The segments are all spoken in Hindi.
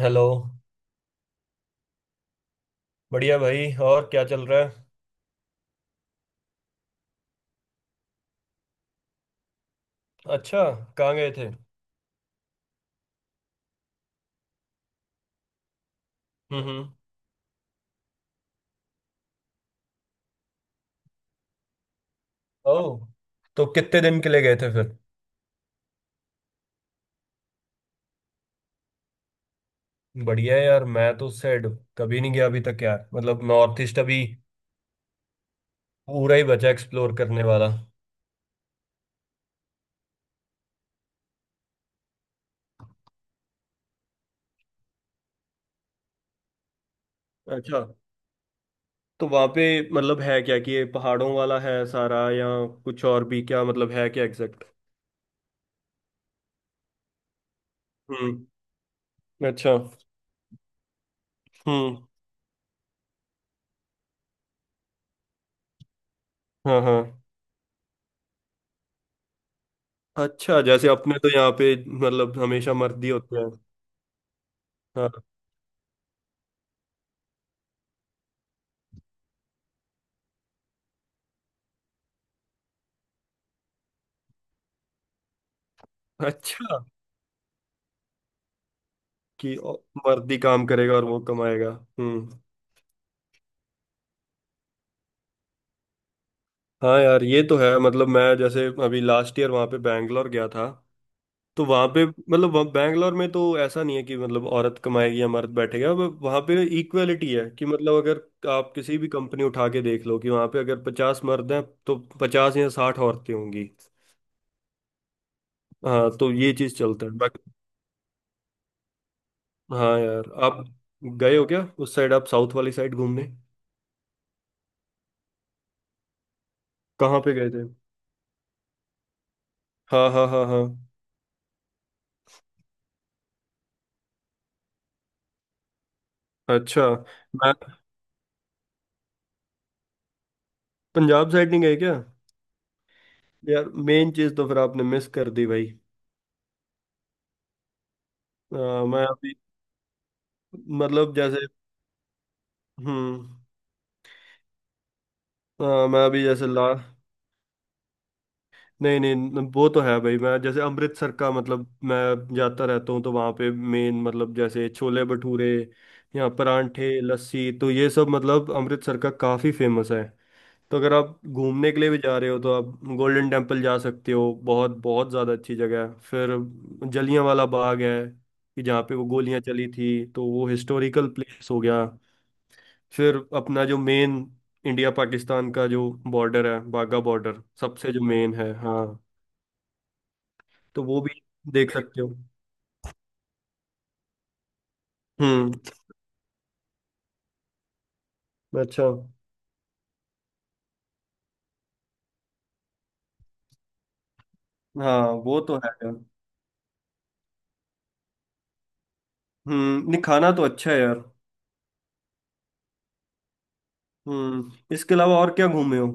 हेलो। बढ़िया भाई, और क्या चल रहा है? अच्छा। कहाँ गए थे? हम्म, हम्म। ओह। तो कितने दिन के लिए गए थे फिर? बढ़िया है यार, मैं तो सेड। कभी नहीं गया अभी तक यार, मतलब नॉर्थ ईस्ट अभी पूरा ही बचा एक्सप्लोर करने वाला। अच्छा। तो वहाँ पे मतलब है क्या कि ये पहाड़ों वाला है सारा, या कुछ और भी, क्या मतलब है क्या एग्जैक्ट? हम्म। अच्छा। हम्म। हाँ, हाँ। अच्छा, जैसे अपने तो यहाँ पे मतलब हमेशा मर्दी होते हैं। हाँ। अच्छा, कि मर्द ही काम करेगा और वो कमाएगा। हम्म। हाँ यार, ये तो है, मतलब मैं जैसे अभी लास्ट ईयर वहाँ पे बैंगलोर गया था। तो वहाँ पे, मतलब वहाँ बैंगलोर में तो ऐसा नहीं है कि मतलब औरत कमाएगी या मर्द बैठेगा, वहाँ पे इक्वेलिटी है कि मतलब अगर आप किसी भी कंपनी उठा के देख लो कि वहाँ पे अगर 50 मर्द हैं तो 50 या 60 औरतें होंगी। हाँ, तो ये चीज़ चलता है बाकी। हाँ यार, आप गए हो क्या उस साइड, आप साउथ वाली साइड घूमने? कहाँ पे गए थे? हाँ, हाँ, हाँ, हाँ। अच्छा। मैं पंजाब साइड नहीं गए क्या? यार मेन चीज तो फिर आपने मिस कर दी भाई। अ, मैं अभी, मतलब जैसे। हम्म। मैं अभी जैसे ला नहीं नहीं, वो तो है भाई, मैं जैसे अमृतसर का मतलब मैं जाता रहता हूँ, तो वहाँ पे मेन मतलब जैसे छोले भटूरे या परांठे लस्सी, तो ये सब मतलब अमृतसर का काफी फेमस है। तो अगर आप घूमने के लिए भी जा रहे हो तो आप गोल्डन टेम्पल जा सकते हो, बहुत बहुत ज़्यादा अच्छी जगह है। फिर जलियांवाला बाग है, कि जहाँ पे वो गोलियाँ चली थी, तो वो हिस्टोरिकल प्लेस हो गया। फिर अपना जो मेन इंडिया पाकिस्तान का जो बॉर्डर है, बाघा बॉर्डर, सबसे जो मेन है, हाँ, तो वो भी देख सकते हो। हम्म। अच्छा। हाँ वो तो है यार। हम्म। नहीं, खाना तो अच्छा है यार। हम्म, इसके अलावा और क्या घूमे हो?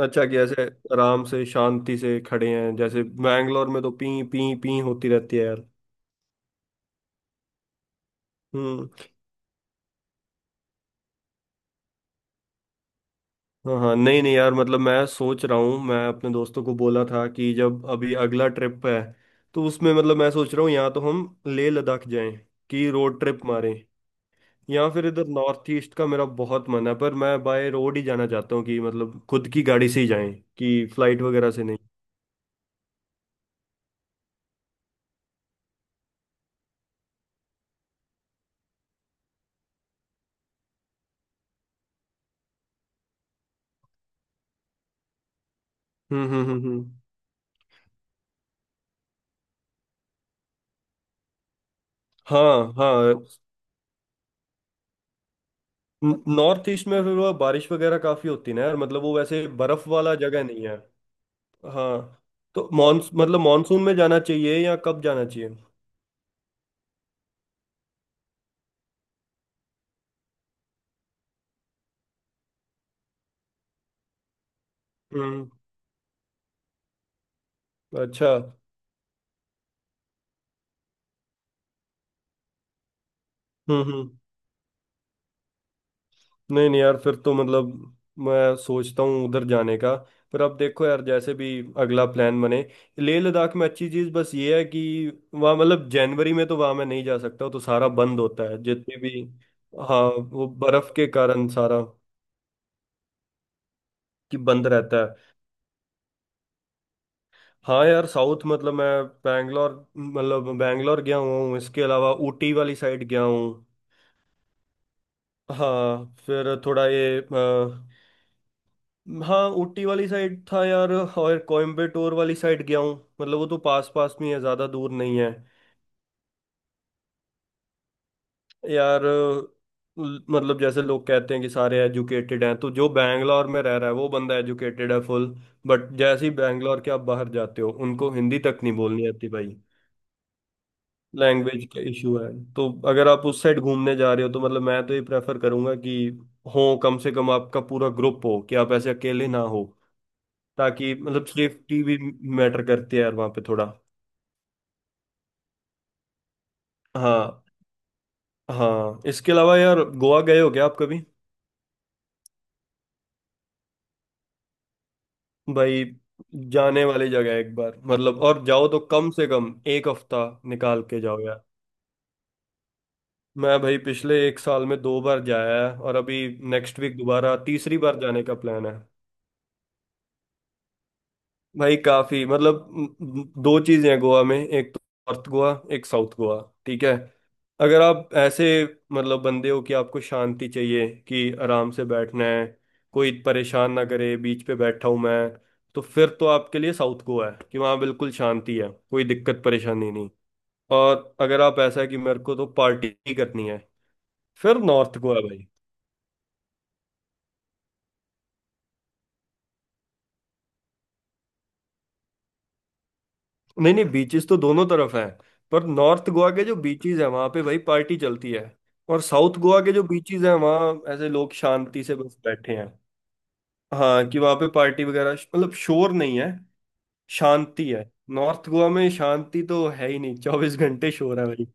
अच्छा, कि ऐसे आराम से शांति से खड़े हैं, जैसे बैंगलोर में तो पी पी पी होती रहती है यार। हम्म। हाँ हाँ, नहीं नहीं यार, मतलब मैं सोच रहा हूँ, मैं अपने दोस्तों को बोला था कि जब अभी अगला ट्रिप है तो उसमें मतलब मैं सोच रहा हूँ या तो हम लेह लद्दाख जाएं, कि रोड ट्रिप मारें, या फिर इधर नॉर्थ ईस्ट का मेरा बहुत मन है, पर मैं बाय रोड ही जाना चाहता हूँ, कि मतलब खुद की गाड़ी से ही जाएं, कि फ्लाइट वगैरह से नहीं। हम्म, हम्म, हम्म, हाँ हाँ, नॉर्थ ईस्ट में फिर वो बारिश वगैरह काफी होती है ना यार, मतलब वो वैसे बर्फ वाला जगह नहीं है। हाँ, तो मॉनस मतलब मानसून में जाना चाहिए, या कब जाना चाहिए? हम्म। अच्छा। हम्म। हम्म। नहीं नहीं यार, फिर तो मतलब मैं सोचता हूँ उधर जाने का, पर अब देखो यार, जैसे भी अगला प्लान बने। लेह लद्दाख में अच्छी चीज़ बस ये है कि वहाँ, मतलब जनवरी में तो वहाँ मैं नहीं जा सकता, तो सारा बंद होता है जितने भी। हाँ, वो बर्फ के कारण सारा कि बंद रहता है। हाँ यार, साउथ मतलब मैं बैंगलोर मतलब बैंगलोर गया हुआ हूँ, इसके अलावा ऊटी वाली साइड गया हूँ। हाँ, फिर थोड़ा ये हाँ, ऊटी वाली साइड था यार, और कोयम्बटूर वाली साइड गया हूँ। मतलब वो तो पास पास में ही है, ज़्यादा दूर नहीं है। यार मतलब जैसे लोग कहते हैं कि सारे एजुकेटेड हैं, तो जो बैंगलोर में रह रहा है वो बंदा एजुकेटेड है फुल, बट जैसे ही बैंगलोर के आप बाहर जाते हो उनको हिंदी तक नहीं बोलनी आती भाई। लैंग्वेज का इशू है। तो अगर आप उस साइड घूमने जा रहे हो तो मतलब मैं तो ये प्रेफर करूंगा कि हो कम से कम आपका पूरा ग्रुप हो, कि आप ऐसे अकेले ना हो, ताकि मतलब सेफ्टी भी मैटर करती है यार वहाँ पे थोड़ा। हाँ हाँ, इसके अलावा यार, गोवा गए हो क्या आप कभी? भाई जाने वाली जगह है एक बार, मतलब और जाओ तो कम से कम एक हफ्ता निकाल के जाओ यार। मैं भाई पिछले एक साल में दो बार जाया है, और अभी नेक्स्ट वीक दोबारा तीसरी बार जाने का प्लान है। भाई काफी, मतलब म, म, दो चीजें हैं गोवा में, एक तो नॉर्थ गोवा, एक साउथ गोवा। ठीक है। अगर आप ऐसे मतलब बंदे हो कि आपको शांति चाहिए, कि आराम से बैठना है, कोई परेशान ना करे, बीच पे बैठा हूं मैं, तो फिर तो आपके लिए साउथ गोवा है, कि वहाँ बिल्कुल शांति है, कोई दिक्कत परेशानी नहीं। और अगर आप ऐसा है कि मेरे को तो पार्टी करनी है, फिर नॉर्थ गोवा भाई। नहीं नहीं, बीचेस तो दोनों तरफ हैं, पर नॉर्थ गोवा के जो बीचेस हैं वहां पे भाई पार्टी चलती है, और साउथ गोवा के जो बीचेस हैं वहां ऐसे लोग शांति से बस बैठे हैं। हाँ, कि वहां पे पार्टी वगैरह मतलब शोर नहीं है, शांति है। नॉर्थ गोवा में शांति तो है ही नहीं, 24 घंटे शोर है भाई।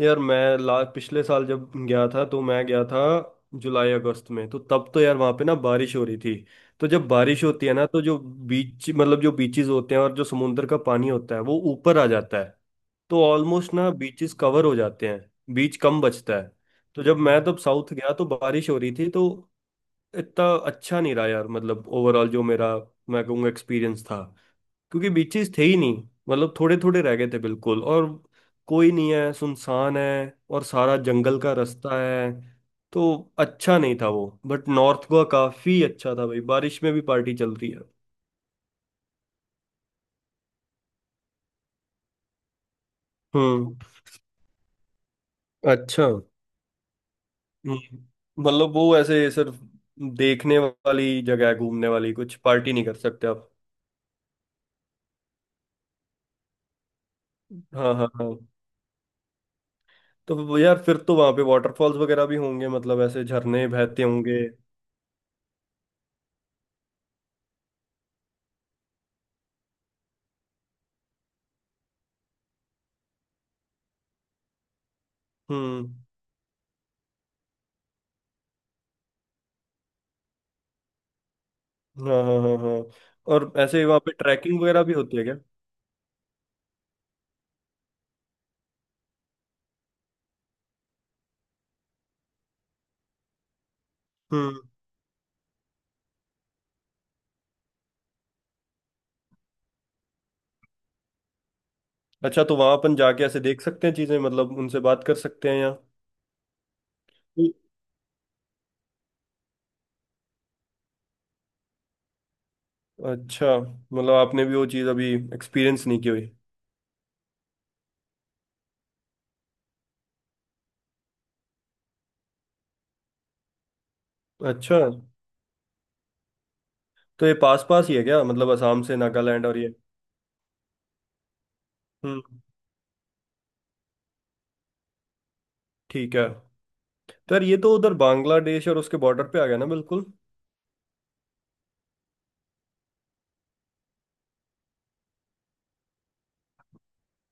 यार मैं ला पिछले साल जब गया था, तो मैं गया था जुलाई अगस्त में, तो तब तो यार वहां पे ना बारिश हो रही थी, तो जब बारिश होती है ना, तो जो बीच मतलब जो बीचेस होते हैं और जो समुंदर का पानी होता है वो ऊपर आ जाता है, तो ऑलमोस्ट ना बीचेस कवर हो जाते हैं, बीच कम बचता है। तो जब मैं तब साउथ गया तो बारिश हो रही थी, तो इतना अच्छा नहीं रहा यार, मतलब ओवरऑल जो मेरा, मैं कहूँगा, एक्सपीरियंस था, क्योंकि बीचेस थे ही नहीं, मतलब थोड़े थोड़े रह गए थे बिल्कुल, और कोई नहीं है, सुनसान है, और सारा जंगल का रास्ता है, तो अच्छा नहीं था वो, बट नॉर्थ गोवा काफी अच्छा था भाई, बारिश में भी पार्टी चल रही है। हम्म। अच्छा। हम्म, मतलब वो ऐसे सिर्फ देखने वाली जगह है घूमने वाली, कुछ पार्टी नहीं कर सकते आप। हाँ, हाँ, हाँ, तो वो यार फिर तो वहां पे वाटरफॉल्स वगैरह भी होंगे, मतलब ऐसे झरने बहते होंगे। हम्म। हाँ, हाँ, हाँ, हाँ। और ऐसे वहां पे ट्रैकिंग वगैरह भी होती है क्या? हम्म। अच्छा, तो वहां अपन जाके ऐसे देख सकते हैं चीजें, मतलब उनसे बात कर सकते हैं या? अच्छा, मतलब आपने भी वो चीज अभी एक्सपीरियंस नहीं की हुई। अच्छा, तो ये पास पास ही है क्या, मतलब असम से नागालैंड और ये? हम्म, ठीक है। तो यार ये तो उधर बांग्लादेश और उसके बॉर्डर पे आ गया ना बिल्कुल।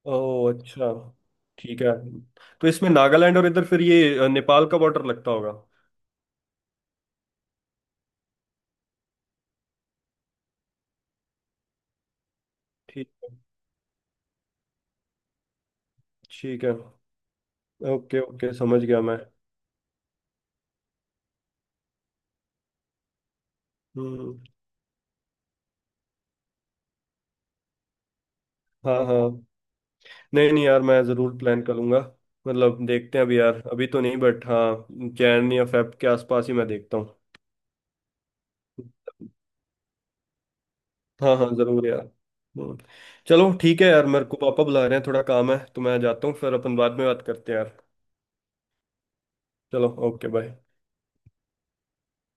ओ अच्छा। ठीक है। तो इसमें नागालैंड और इधर फिर ये नेपाल का बॉर्डर लगता होगा। ठीक है। ठीक है। ओके, ओके, समझ गया मैं। हम्म। हाँ हाँ, नहीं नहीं यार, मैं ज़रूर प्लान करूंगा, मतलब देखते हैं अभी यार, अभी तो नहीं बट हाँ, जैन या फेब के आसपास ही मैं देखता हूँ। हाँ हाँ, ज़रूर यार। हम्म, चलो ठीक है यार, मेरे को पापा बुला रहे हैं, थोड़ा काम है, तो मैं जाता हूँ, फिर अपन बाद में बात करते हैं यार। चलो, ओके, बाय।